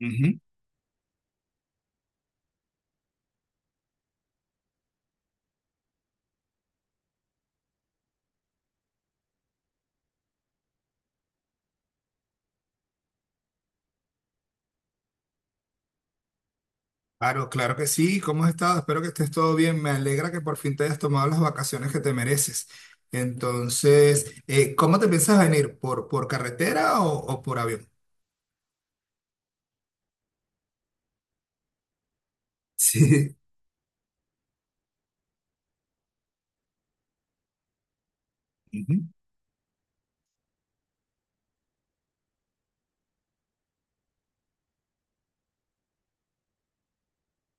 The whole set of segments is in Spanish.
Ujú. Claro, claro que sí. ¿Cómo has estado? Espero que estés todo bien. Me alegra que por fin te hayas tomado las vacaciones que te mereces. Entonces, ¿cómo te piensas venir? ¿Por carretera o por avión? Sí. Ujú.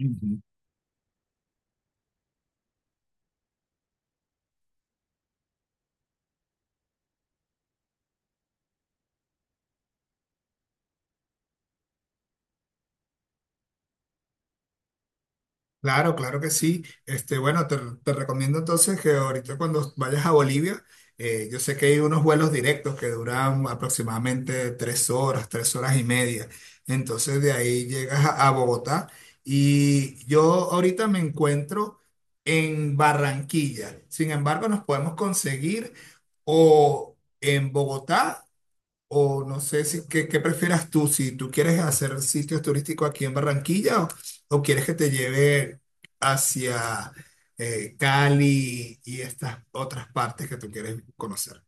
Ujú. Claro, claro que sí. Este, bueno, te recomiendo entonces que ahorita cuando vayas a Bolivia, yo sé que hay unos vuelos directos que duran aproximadamente 3 horas, 3 horas y media. Entonces de ahí llegas a Bogotá y yo ahorita me encuentro en Barranquilla. Sin embargo, nos podemos conseguir o en Bogotá o no sé si, qué prefieras tú? Si tú quieres hacer sitios turísticos aquí en Barranquilla o quieres que te lleve hacia Cali y estas otras partes que tú quieres conocer.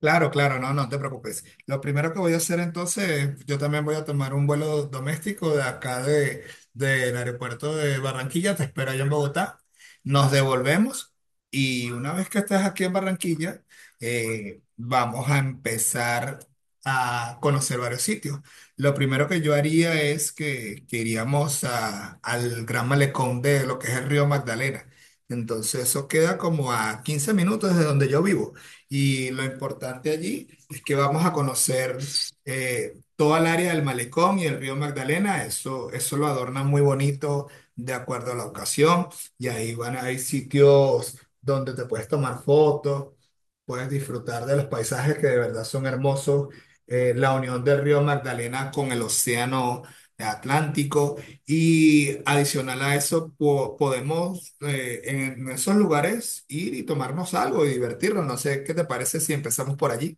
Claro, claro, no, no te preocupes. Lo primero que voy a hacer entonces, yo también voy a tomar un vuelo doméstico de acá del aeropuerto de Barranquilla, te espero allá en Bogotá. Nos devolvemos y una vez que estés aquí en Barranquilla, vamos a empezar a conocer varios sitios. Lo primero que yo haría es que iríamos a- al Gran Malecón de lo que es el río Magdalena. Entonces eso queda como a 15 minutos de donde yo vivo. Y lo importante allí es que vamos a conocer toda el área del malecón y el río Magdalena. Eso lo adornan muy bonito de acuerdo a la ocasión. Y ahí van, hay sitios donde te puedes tomar fotos, puedes disfrutar de los paisajes que de verdad son hermosos. La unión del río Magdalena con el océano Atlántico. Y adicional a eso, po- podemos en esos lugares ir y tomarnos algo y divertirnos. No sé, ¿qué te parece si empezamos por allí?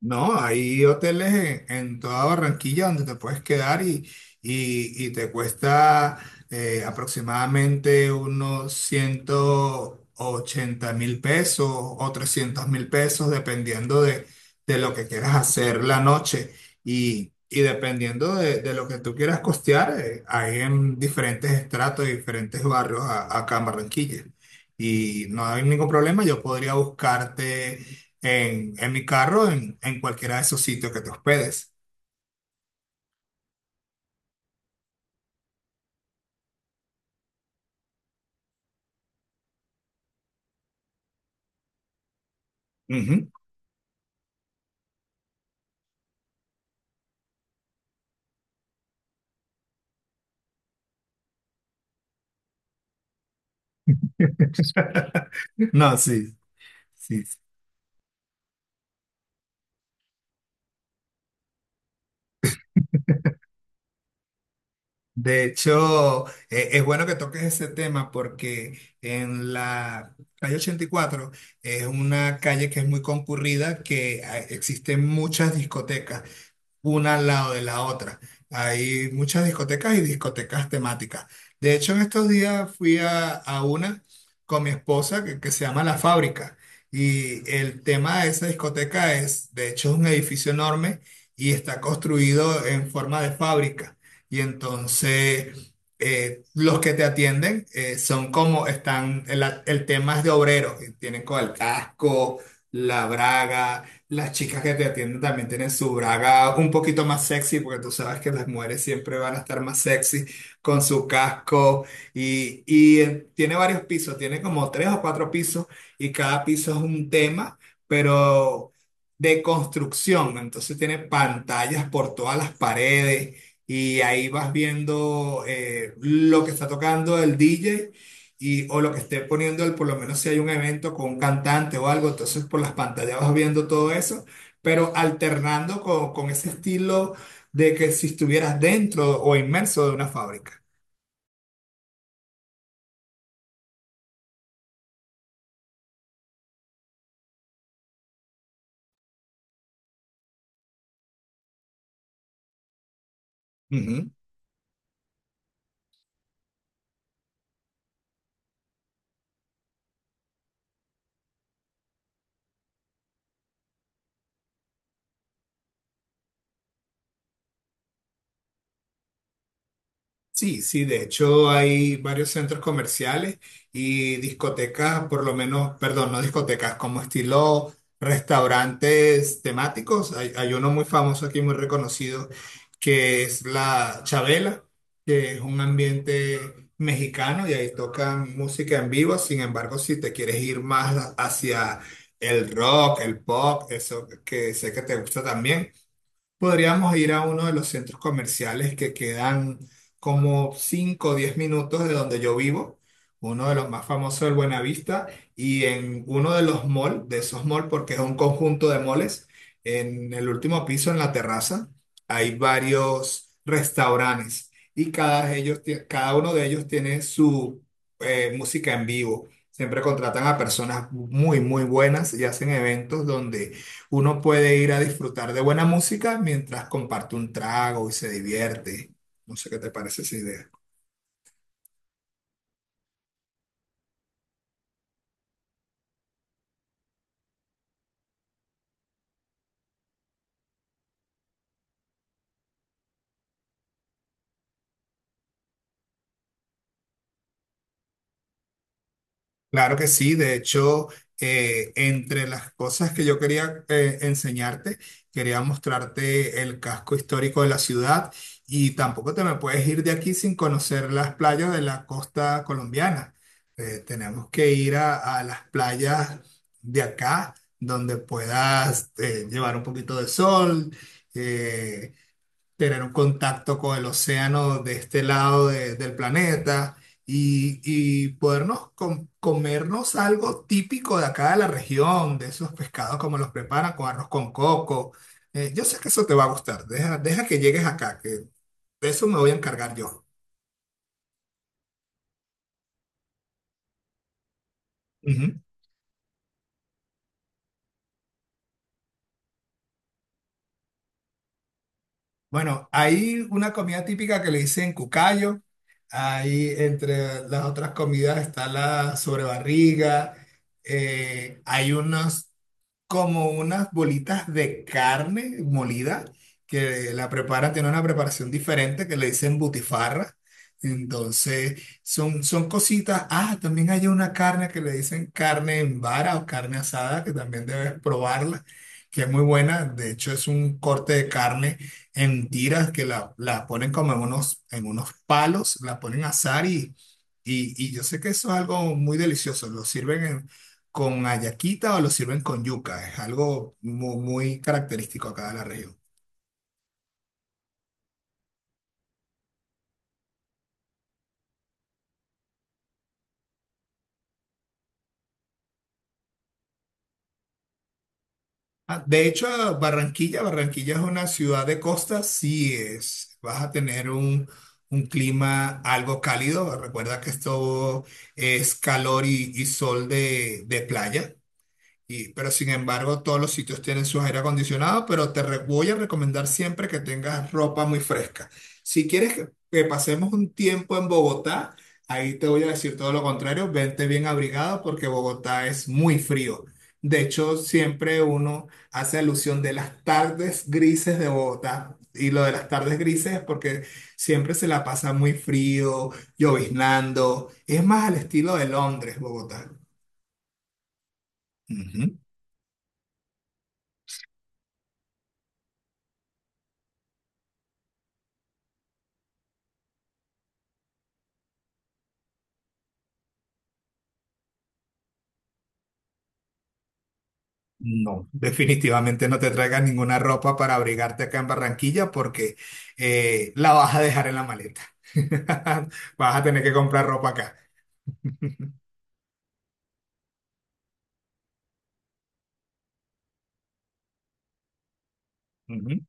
No, hay hoteles en toda Barranquilla donde te puedes quedar y, y te cuesta aproximadamente unos 180.000 pesos o 300.000 pesos, dependiendo de lo que quieras hacer la noche. Y dependiendo de lo que tú quieras costear, hay en diferentes estratos, diferentes barrios a- acá en Barranquilla. Y no hay ningún problema, yo podría buscarte en mi carro, en cualquiera de esos sitios que te hospedes. Ujú. No, sí, sí. sí. De hecho, es bueno que toques ese tema porque en la calle 84 es una calle que es muy concurrida, que existen muchas discotecas una al lado de la otra. Hay muchas discotecas y discotecas temáticas. De hecho, en estos días fui a una con mi esposa que se llama La Fábrica. Y el tema de esa discoteca es, de hecho, es un edificio enorme y está construido en forma de fábrica. Y entonces, los que te atienden son como están, el tema es de obreros, y tienen con el casco, la braga las chicas que te atienden también tienen su braga un poquito más sexy, porque tú sabes que las mujeres siempre van a estar más sexy con su casco y tiene varios pisos, tiene como tres o cuatro pisos y cada piso es un tema, pero de construcción. Entonces tiene pantallas por todas las paredes y ahí vas viendo lo que está tocando el DJ y o lo que esté poniendo él, por lo menos si hay un evento con un cantante o algo, entonces por las pantallas vas viendo todo eso, pero alternando con ese estilo de que si estuvieras dentro o inmerso de una fábrica. Ujú. Sí, sí, de hecho hay varios centros comerciales y discotecas, por lo menos, perdón, no discotecas, como estilo restaurantes temáticos. Hay uno muy famoso aquí, muy reconocido, que es la Chabela, que es un ambiente mexicano y ahí tocan música en vivo. Sin embargo, si te quieres ir más hacia el rock, el pop, eso que sé que te gusta también. Podríamos ir a uno de los centros comerciales que quedan como 5 o 10 minutos de donde yo vivo, uno de los más famosos del Buenavista, y en uno de los malls, de esos malls, porque es un conjunto de malls, en el último piso, en la terraza, hay varios restaurantes y cada, ellos, tie- cada uno de ellos tiene su música en vivo. Siempre contratan a personas muy, muy buenas y hacen eventos donde uno puede ir a disfrutar de buena música mientras comparte un trago y se divierte. No sé qué te parece esa idea. Claro que sí, de hecho, entre las cosas que yo quería enseñarte, quería mostrarte el casco histórico de la ciudad y tampoco te me puedes ir de aquí sin conocer las playas de la costa colombiana. Tenemos que ir a las playas de acá, donde puedas llevar un poquito de sol. eh, tener un contacto con el océano de este lado de- del planeta y podernos com- comernos algo típico de acá de la región, de esos pescados como los preparan con arroz con coco. Yo sé que eso te va a gustar, deja, deja que llegues acá, que de eso me voy a encargar yo. Bueno, hay una comida típica que le dicen cucayo. Ahí entre las otras comidas está la sobrebarriga. Hay unos como unas bolitas de carne molida que la preparan, tiene una preparación diferente que le dicen butifarra. Entonces, son cositas. Ah, también hay una carne que le dicen carne en vara o carne asada, que también debes probarla, que es muy buena. De hecho, es un corte de carne en tiras que la ponen como en unos palos, la ponen a asar y, y yo sé que eso es algo muy delicioso. Lo sirven en- con ayaquita o lo sirven con yuca. Es algo mu- muy, característico acá de la región. Ah, de hecho, a Barranquilla, Barranquilla es una ciudad de costa, sí es. Vas a tener un clima algo cálido. Recuerda que esto es calor y sol de playa. Y, pero sin embargo, todos los sitios tienen su aire acondicionado, pero te re- voy a recomendar siempre que tengas ropa muy fresca. Si quieres que pasemos un tiempo en Bogotá, ahí te voy a decir todo lo contrario, vente bien abrigado porque Bogotá es muy frío. De hecho, siempre uno hace alusión de las tardes grises de Bogotá. Y lo de las tardes grises es porque siempre se la pasa muy frío, lloviznando. Es más al estilo de Londres, Bogotá. Ujú. No, definitivamente no te traigas ninguna ropa para abrigarte acá en Barranquilla porque la vas a dejar en la maleta. Vas a tener que comprar ropa acá. Ujú.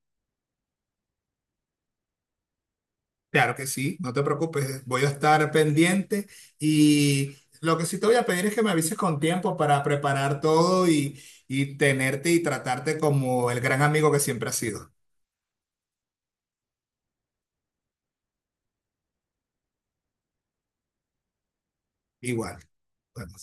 Claro que sí, no te preocupes, voy a estar pendiente y lo que sí te voy a pedir es que me avises con tiempo para preparar todo y tenerte y tratarte como el gran amigo que siempre has sido. Igual. Bueno,